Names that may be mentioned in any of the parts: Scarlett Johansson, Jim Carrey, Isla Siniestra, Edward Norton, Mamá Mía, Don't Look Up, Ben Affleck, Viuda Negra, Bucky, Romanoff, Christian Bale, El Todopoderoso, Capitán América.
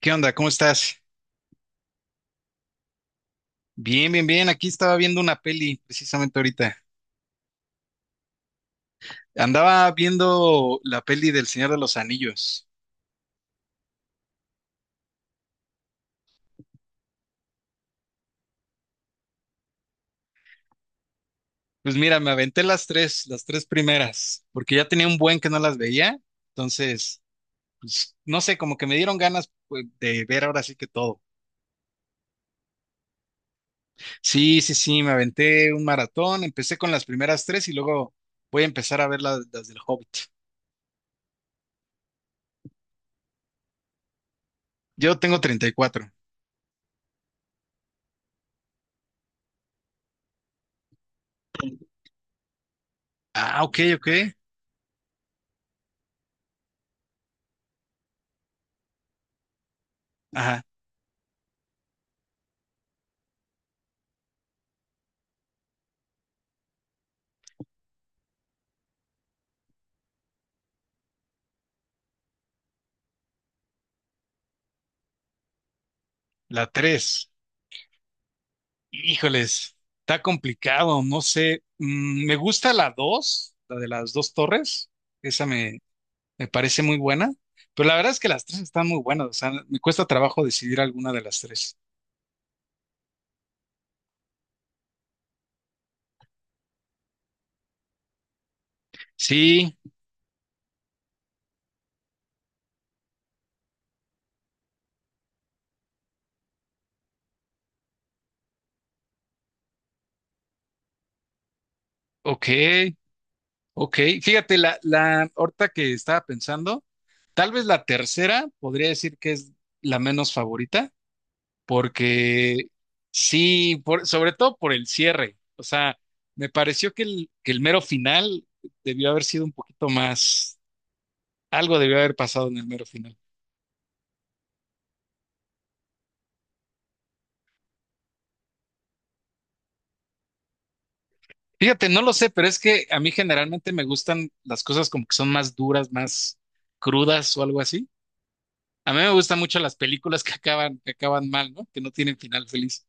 ¿Qué onda? ¿Cómo estás? Bien, bien, bien. Aquí estaba viendo una peli precisamente ahorita. Andaba viendo la peli del Señor de los Anillos. Pues mira, me aventé las tres primeras, porque ya tenía un buen que no las veía. Entonces, pues no sé, como que me dieron ganas pues, de ver ahora sí que todo. Sí, sí, sí, me aventé un maratón. Empecé con las primeras tres y luego voy a empezar a ver las del Hobbit. Yo tengo 34. Ah, ok, ok. Ajá, la tres. Híjoles, está complicado, no sé. Mm, me gusta la 2, la de las dos torres. Esa me, me parece muy buena. Pero la verdad es que las tres están muy buenas. O sea, me cuesta trabajo decidir alguna de las tres. Sí, ok, ok. Fíjate, la ahorita que estaba pensando, tal vez la tercera podría decir que es la menos favorita, porque sí, sobre todo por el cierre. O sea, me pareció que que el mero final debió haber sido un poquito más, algo debió haber pasado en el mero final. Fíjate, no lo sé, pero es que a mí generalmente me gustan las cosas como que son más duras, más crudas o algo así. A mí me gustan mucho las películas que acaban mal, ¿no? Que no tienen final feliz.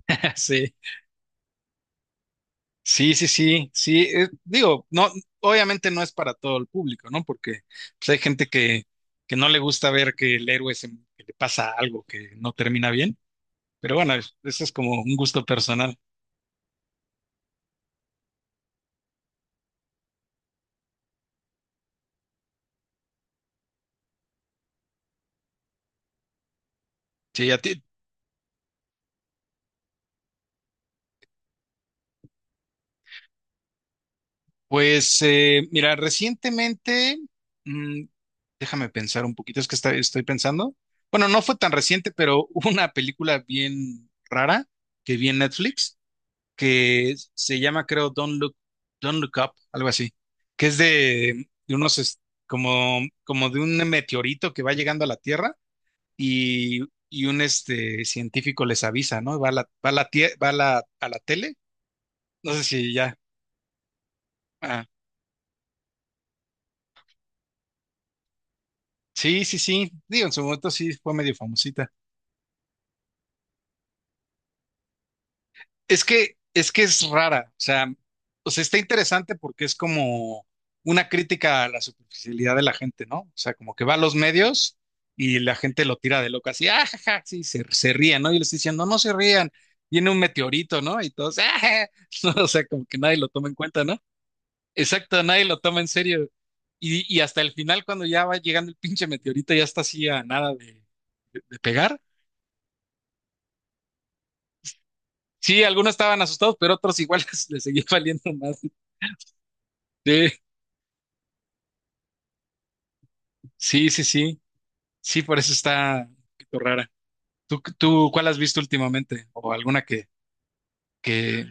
Sí. Sí, sí, sí, sí. Digo, no, obviamente no es para todo el público, ¿no? Porque pues, hay que no le gusta ver que el que le pasa algo que no termina bien. Pero bueno, eso es como un gusto personal. Sí, a ti. Pues mira, recientemente, mm, déjame pensar un poquito, es que estoy pensando. Bueno, no fue tan reciente, pero hubo una película bien rara que vi en Netflix, que se llama, creo, Don't Look Up, algo así, que es de unos, como, como de un meteorito que va llegando a la Tierra y, y un este, científico les avisa, ¿no? Va a la, tie- va a la tele, no sé si ya. Ah, sí, sí, sí, digo, en su momento sí fue medio famosita. Es que es rara, o sea, está interesante porque es como una crítica a la superficialidad de la gente, ¿no? O sea, como que va a los medios y la gente lo tira de loca, así, ah, ja, ja", sí, se ríen, ¿no? Y les dicen, no, no se rían, viene un meteorito, ¿no? Y todos, ah, ja". No, o sea, como que nadie lo toma en cuenta, ¿no? Exacto, nadie lo toma en serio. Y hasta el final, cuando ya va llegando el pinche meteorito, ya está así a nada de, de pegar. Sí, algunos estaban asustados, pero otros igual les seguía valiendo más. Sí. Sí, sí, sí. Sí, por eso está un poquito rara. ¿Tú cuál has visto últimamente? ¿O alguna que...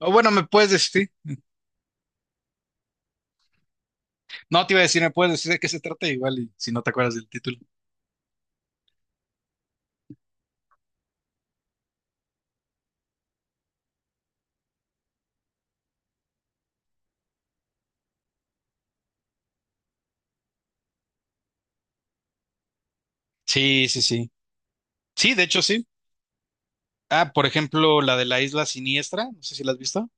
O bueno, me puedes decir. No te iba a decir, me puedes decir de qué se trata igual y si no te acuerdas del título. Sí, sí, sí. Sí, de hecho sí. Ah, por ejemplo, la de la Isla Siniestra, no sé si la has visto.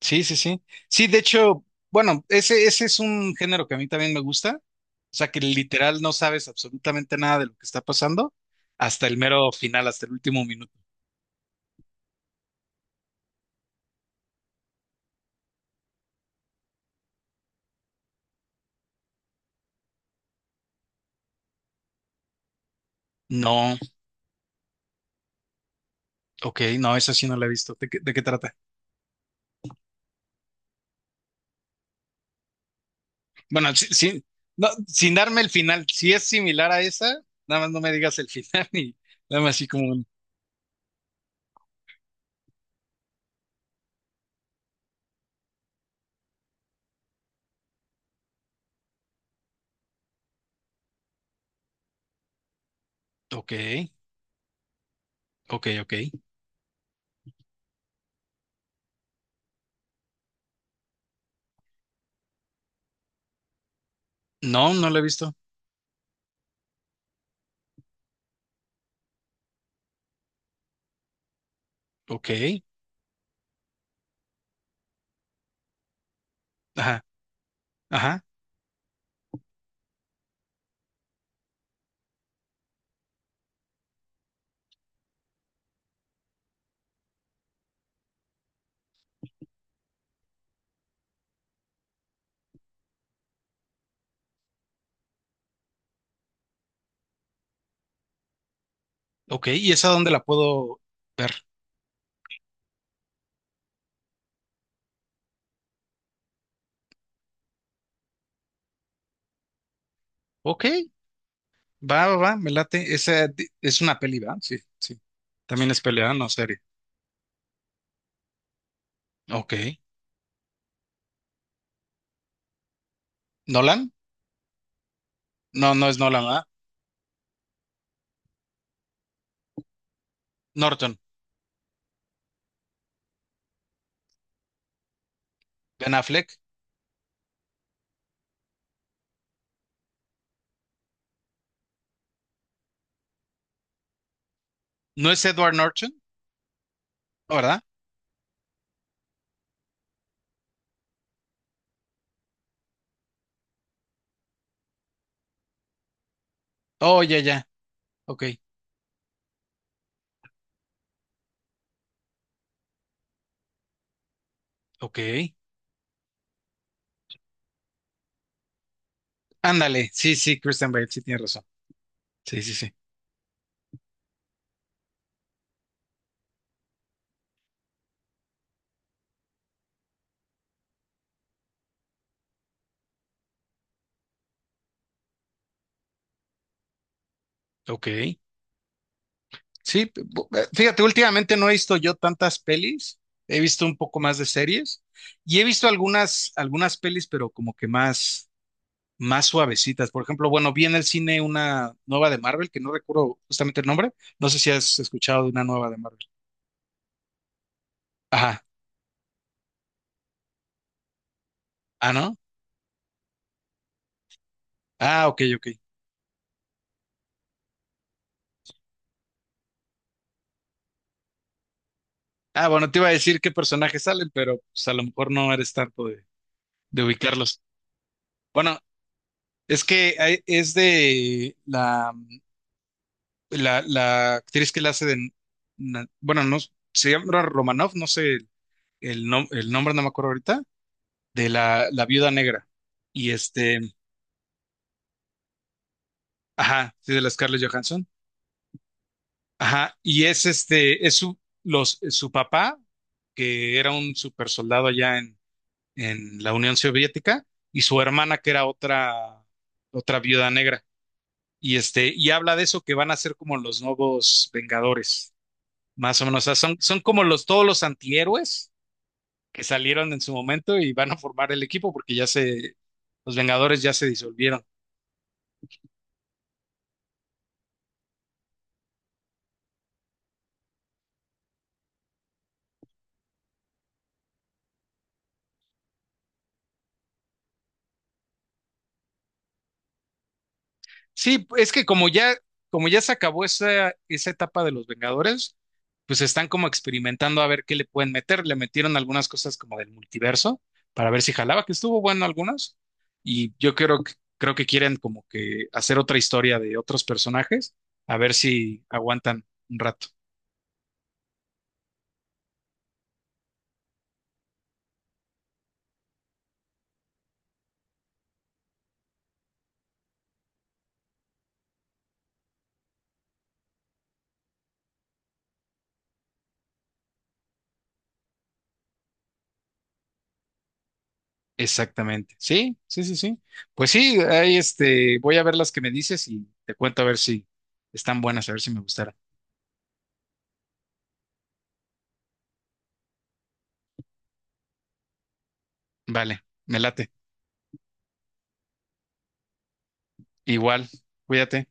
Sí, sí, sí. Sí, de hecho, bueno, ese es un género que a mí también me gusta. O sea, que literal no sabes absolutamente nada de lo que está pasando hasta el mero final, hasta el último minuto. No. Ok, no, esa sí no la he visto. De qué trata? Bueno, sí, sí, no, sin darme el final, si es similar a esa, nada más no me digas el final y dame así como un... Ok, ok, ok. No, no la he visto. Ok, ajá, ajá, ok. ¿Y esa dónde la puedo ver? Ok, va, va, va, me late. Esa es una peli, ¿va? Sí, sí. También es pelea, no serie. Ok. ¿Nolan? No, no es Nolan, ¿verdad? Norton. Ben Affleck. ¿No es Edward Norton? ¿No, ¿verdad? Oh, ya, ya. Ok. Ok. Ándale, sí, sí, Christian Bale, sí tienes razón. Sí, sí, sí. Ok. Sí, fíjate, últimamente no he visto yo tantas pelis, he visto un poco más de series y he visto algunas, algunas pelis, pero como que más, más suavecitas. Por ejemplo, bueno, vi en el cine una nueva de Marvel, que no recuerdo justamente el nombre. No sé si has escuchado de una nueva de Marvel. Ajá. Ah, ¿no? Ah, ok, ok. Ah, bueno, te iba a decir qué personajes salen, pero pues, a lo mejor no eres tanto de ubicarlos. Bueno, es es de la actriz que la hace de, bueno, no, se llama Romanoff, no sé el nombre, no me acuerdo ahorita, de la viuda negra. Y este, ajá, sí, de la Scarlett Johansson. Ajá, y es este, es su papá, que era un super soldado allá en la Unión Soviética, y su hermana, que era otra, otra viuda negra. Y este, y habla de eso que van a ser como los nuevos Vengadores. Más o menos, o sea, son, son como los, todos los antihéroes que salieron en su momento y van a formar el equipo porque ya se, los Vengadores ya se disolvieron. Sí, es que como ya se acabó esa, esa etapa de los Vengadores, pues están como experimentando a ver qué le pueden meter. Le metieron algunas cosas como del multiverso para ver si jalaba, que estuvo bueno algunas. Y yo creo, creo que quieren como que hacer otra historia de otros personajes, a ver si aguantan un rato. Exactamente. Sí, sí, sí, sí. Pues sí, ahí este, voy a ver las que me dices y te cuento a ver si están buenas, a ver si me gustaron. Vale, me late. Igual, cuídate.